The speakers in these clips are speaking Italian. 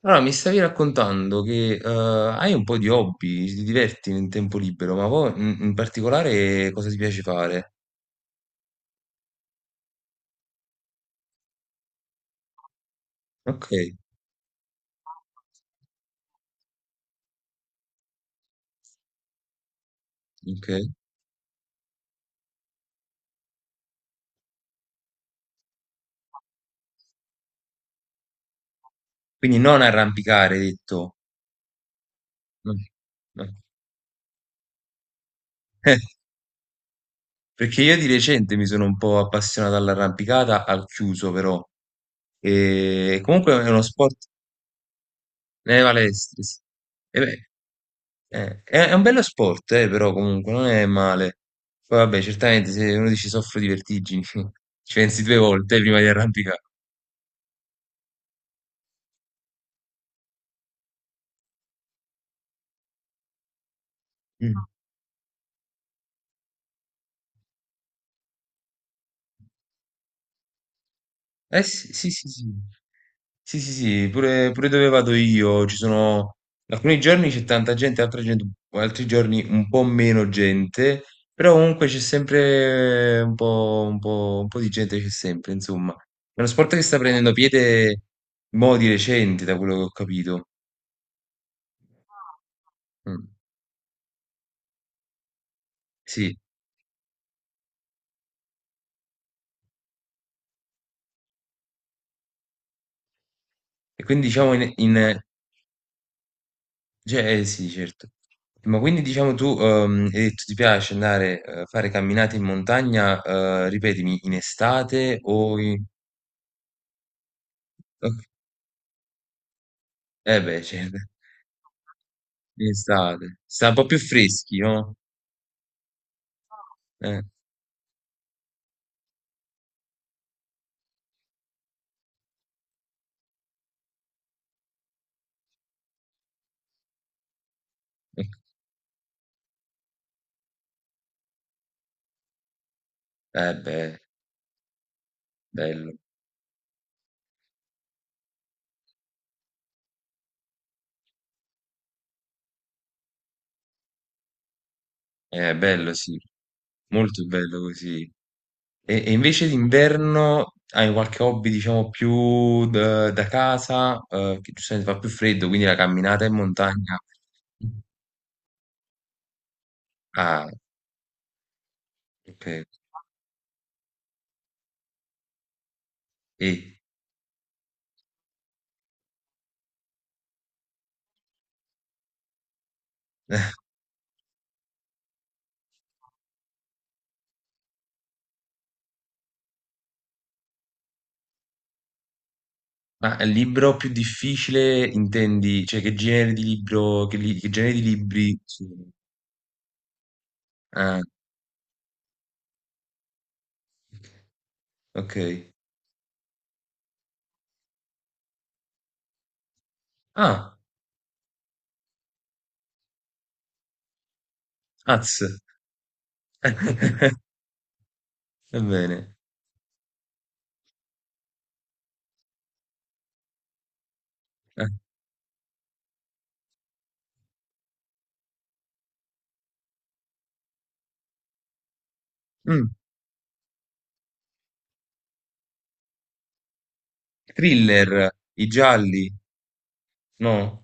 Allora, mi stavi raccontando che hai un po' di hobby, ti diverti nel tempo libero, ma poi in particolare cosa ti piace fare? Ok, ok. Quindi non arrampicare, hai detto. No, no. Eh, Perché io di recente mi sono un po' appassionato all'arrampicata al chiuso, però. E comunque è uno sport nelle palestre. Sì. E beh, è un bello sport, però comunque non è male. Poi vabbè, certamente se uno dice soffro di vertigini, ci pensi due volte prima di arrampicare. Mm. Eh sì, sì, sì, sì, sì, sì, sì, pure dove vado io ci sono alcuni giorni c'è tanta gente, altri giorni un po' meno gente, però comunque c'è sempre un po' di gente, c'è sempre, insomma. È uno sport che sta prendendo piede mo' di recente, da quello che ho capito. Mm. Sì. E quindi diciamo cioè, sì, certo. Ma quindi diciamo tu hai detto ti piace andare a fare camminate in montagna, ripetimi, in estate o in. Ok. Eh beh, certo, in estate. Sta un po' più freschi, no? Eh, ok. Eh beh, bello. Bello, sì. Molto bello così. E invece d'inverno hai qualche hobby, diciamo, più da casa, che giustamente fa più freddo, quindi la camminata in montagna. Ah, ok. E, ma il libro più difficile intendi? Cioè che genere di libro, che genere di libri sono? Ah, ok. Ah, az. Va bene. Eh, mm, Thriller, i gialli, no?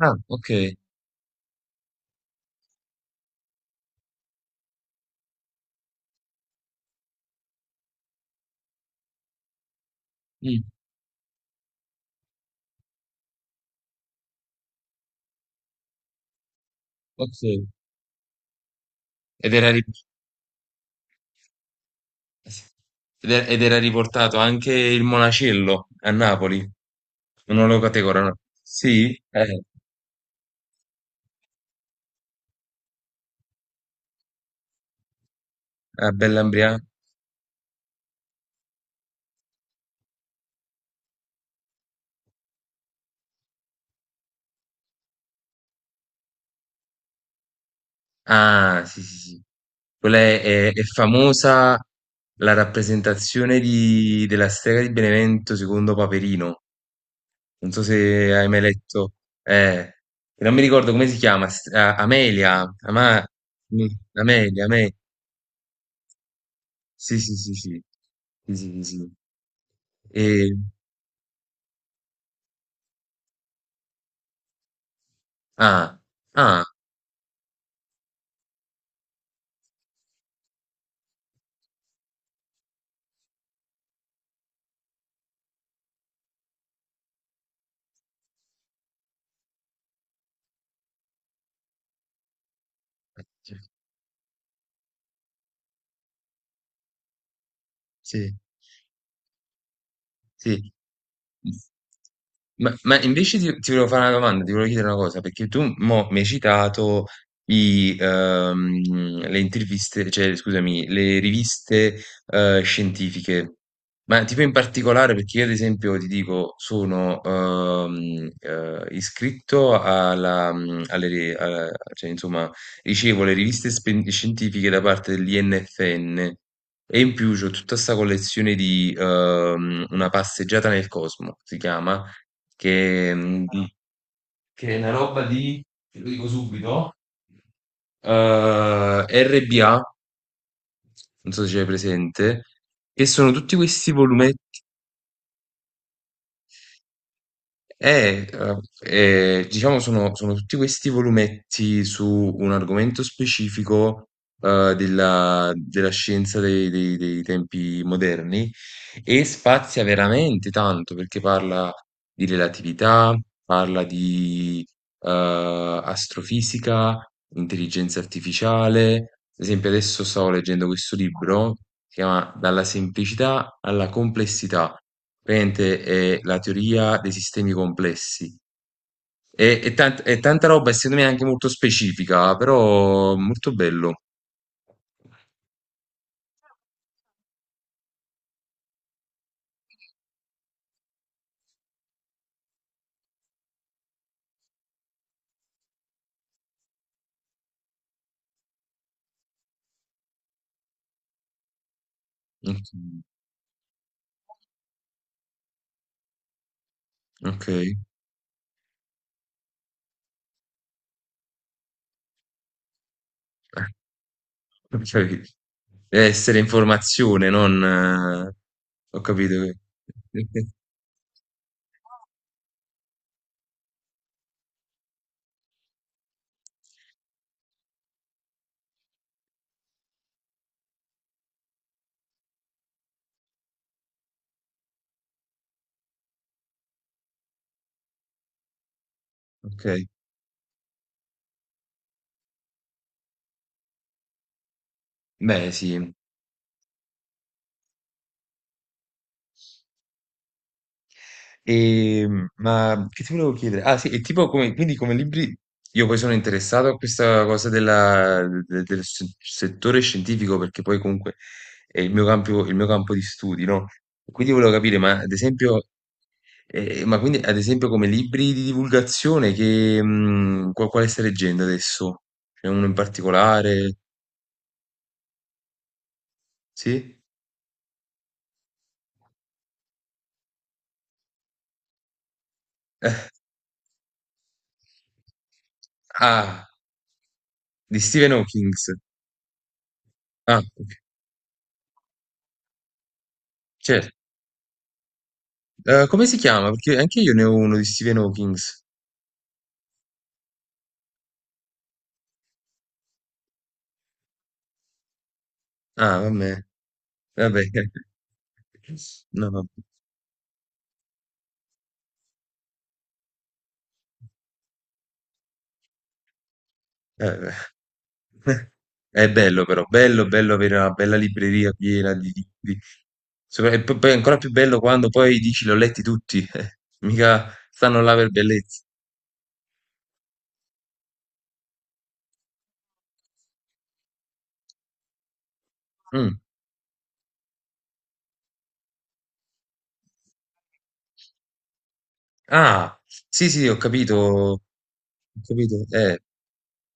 Ah, ok. Mm, ok. Ed era, ri- ed era riportato anche il Monacello a Napoli. Non lo categorano. Sì, a Bell'Ambriago. Ah, sì, sì, sì. Quella è famosa la rappresentazione della strega di Benevento secondo Paperino. Non so se hai mai letto. Eh, Non mi ricordo come si chiama. Amelia. Amelia, Amelia. Sì, sì, sì, sì. Sì, sì, sì, sì. E- ah, ah, sì, sì. Sì. Ma invece ti volevo fare una domanda, ti volevo chiedere una cosa, perché tu mo' mi hai citato i, ehm, le interviste, cioè scusami, le riviste, scientifiche. Ma tipo in particolare, perché io ad esempio ti dico, sono, iscritto alla mhmm, alle ri a cioè insomma ricevo le riviste spen scientifiche da parte dell'INFN. E in più c'ho tutta sta collezione di Una passeggiata nel cosmo, si chiama, che, mm, di- che è una roba di, te lo dico subito, RBA, non so se c'è presente, che sono tutti questi volumetti, diciamo sono tutti questi volumetti su un argomento specifico della scienza dei tempi moderni. E spazia veramente tanto, perché parla di, relatività, parla di astrofisica, intelligenza artificiale. Ad esempio adesso stavo leggendo questo libro, si chiama Dalla semplicità alla complessità. Praticamente è la teoria dei sistemi complessi. È tanta roba e secondo me anche molto specifica, però molto bello. Ok. Ok. Ho capito. Deve essere informazione, non ho capito che okay. Beh, sì. Ma che ti volevo chiedere? Ah, sì, e tipo come quindi come libri io poi sono interessato a questa cosa della de del se settore scientifico, perché poi comunque è il mio campo di studi, no, quindi volevo capire, ma quindi ad esempio come libri di divulgazione che quale stai leggendo adesso? C'è uno in particolare? Sì? Eh, Ah, di Stephen Hawkings. Ah, ok. Certo. Come si chiama? Perché anche io ne ho uno di Stephen Hawkings. Ah, vabbè. Vabbè. No, no. Beh. È bello però, bello, bello avere una bella libreria piena di libri. E poi è ancora più bello quando poi dici l'ho letti tutti, eh. Mica stanno là per bellezza. Mm. Ah, sì, sì, ho capito, ho capito.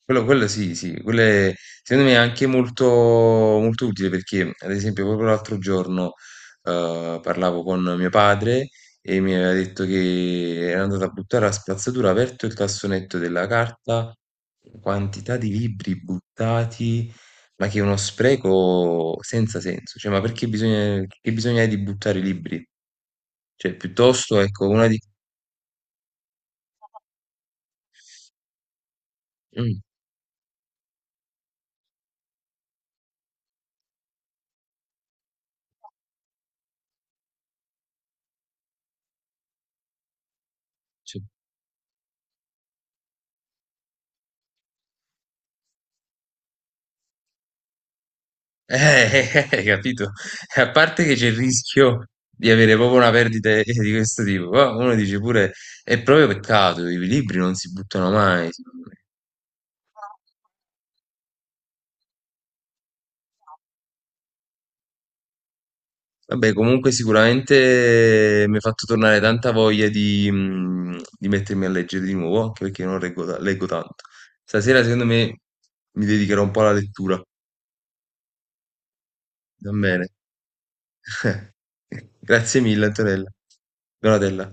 Quello sì, sì, secondo me è anche molto, molto utile perché, ad esempio, proprio l'altro giorno parlavo con mio padre e mi aveva detto che era andato a buttare la spazzatura, ha aperto il cassonetto della carta, quantità di libri buttati, ma che è uno spreco senza senso. Cioè, ma perché bisogna, che bisogna di buttare i libri? Cioè, piuttosto, ecco, una di. Mm, sì. Eh, hai capito? E a parte che c'è il rischio di avere proprio una perdita di questo tipo, qua uno dice pure è proprio peccato, i libri non si buttano mai, secondo me. Vabbè, comunque sicuramente mi ha fatto tornare tanta voglia di mettermi a leggere di nuovo, anche perché non leggo, leggo tanto. Stasera, secondo me, mi dedicherò un po' alla lettura. Va bene. Grazie mille, Antonella. Donatella.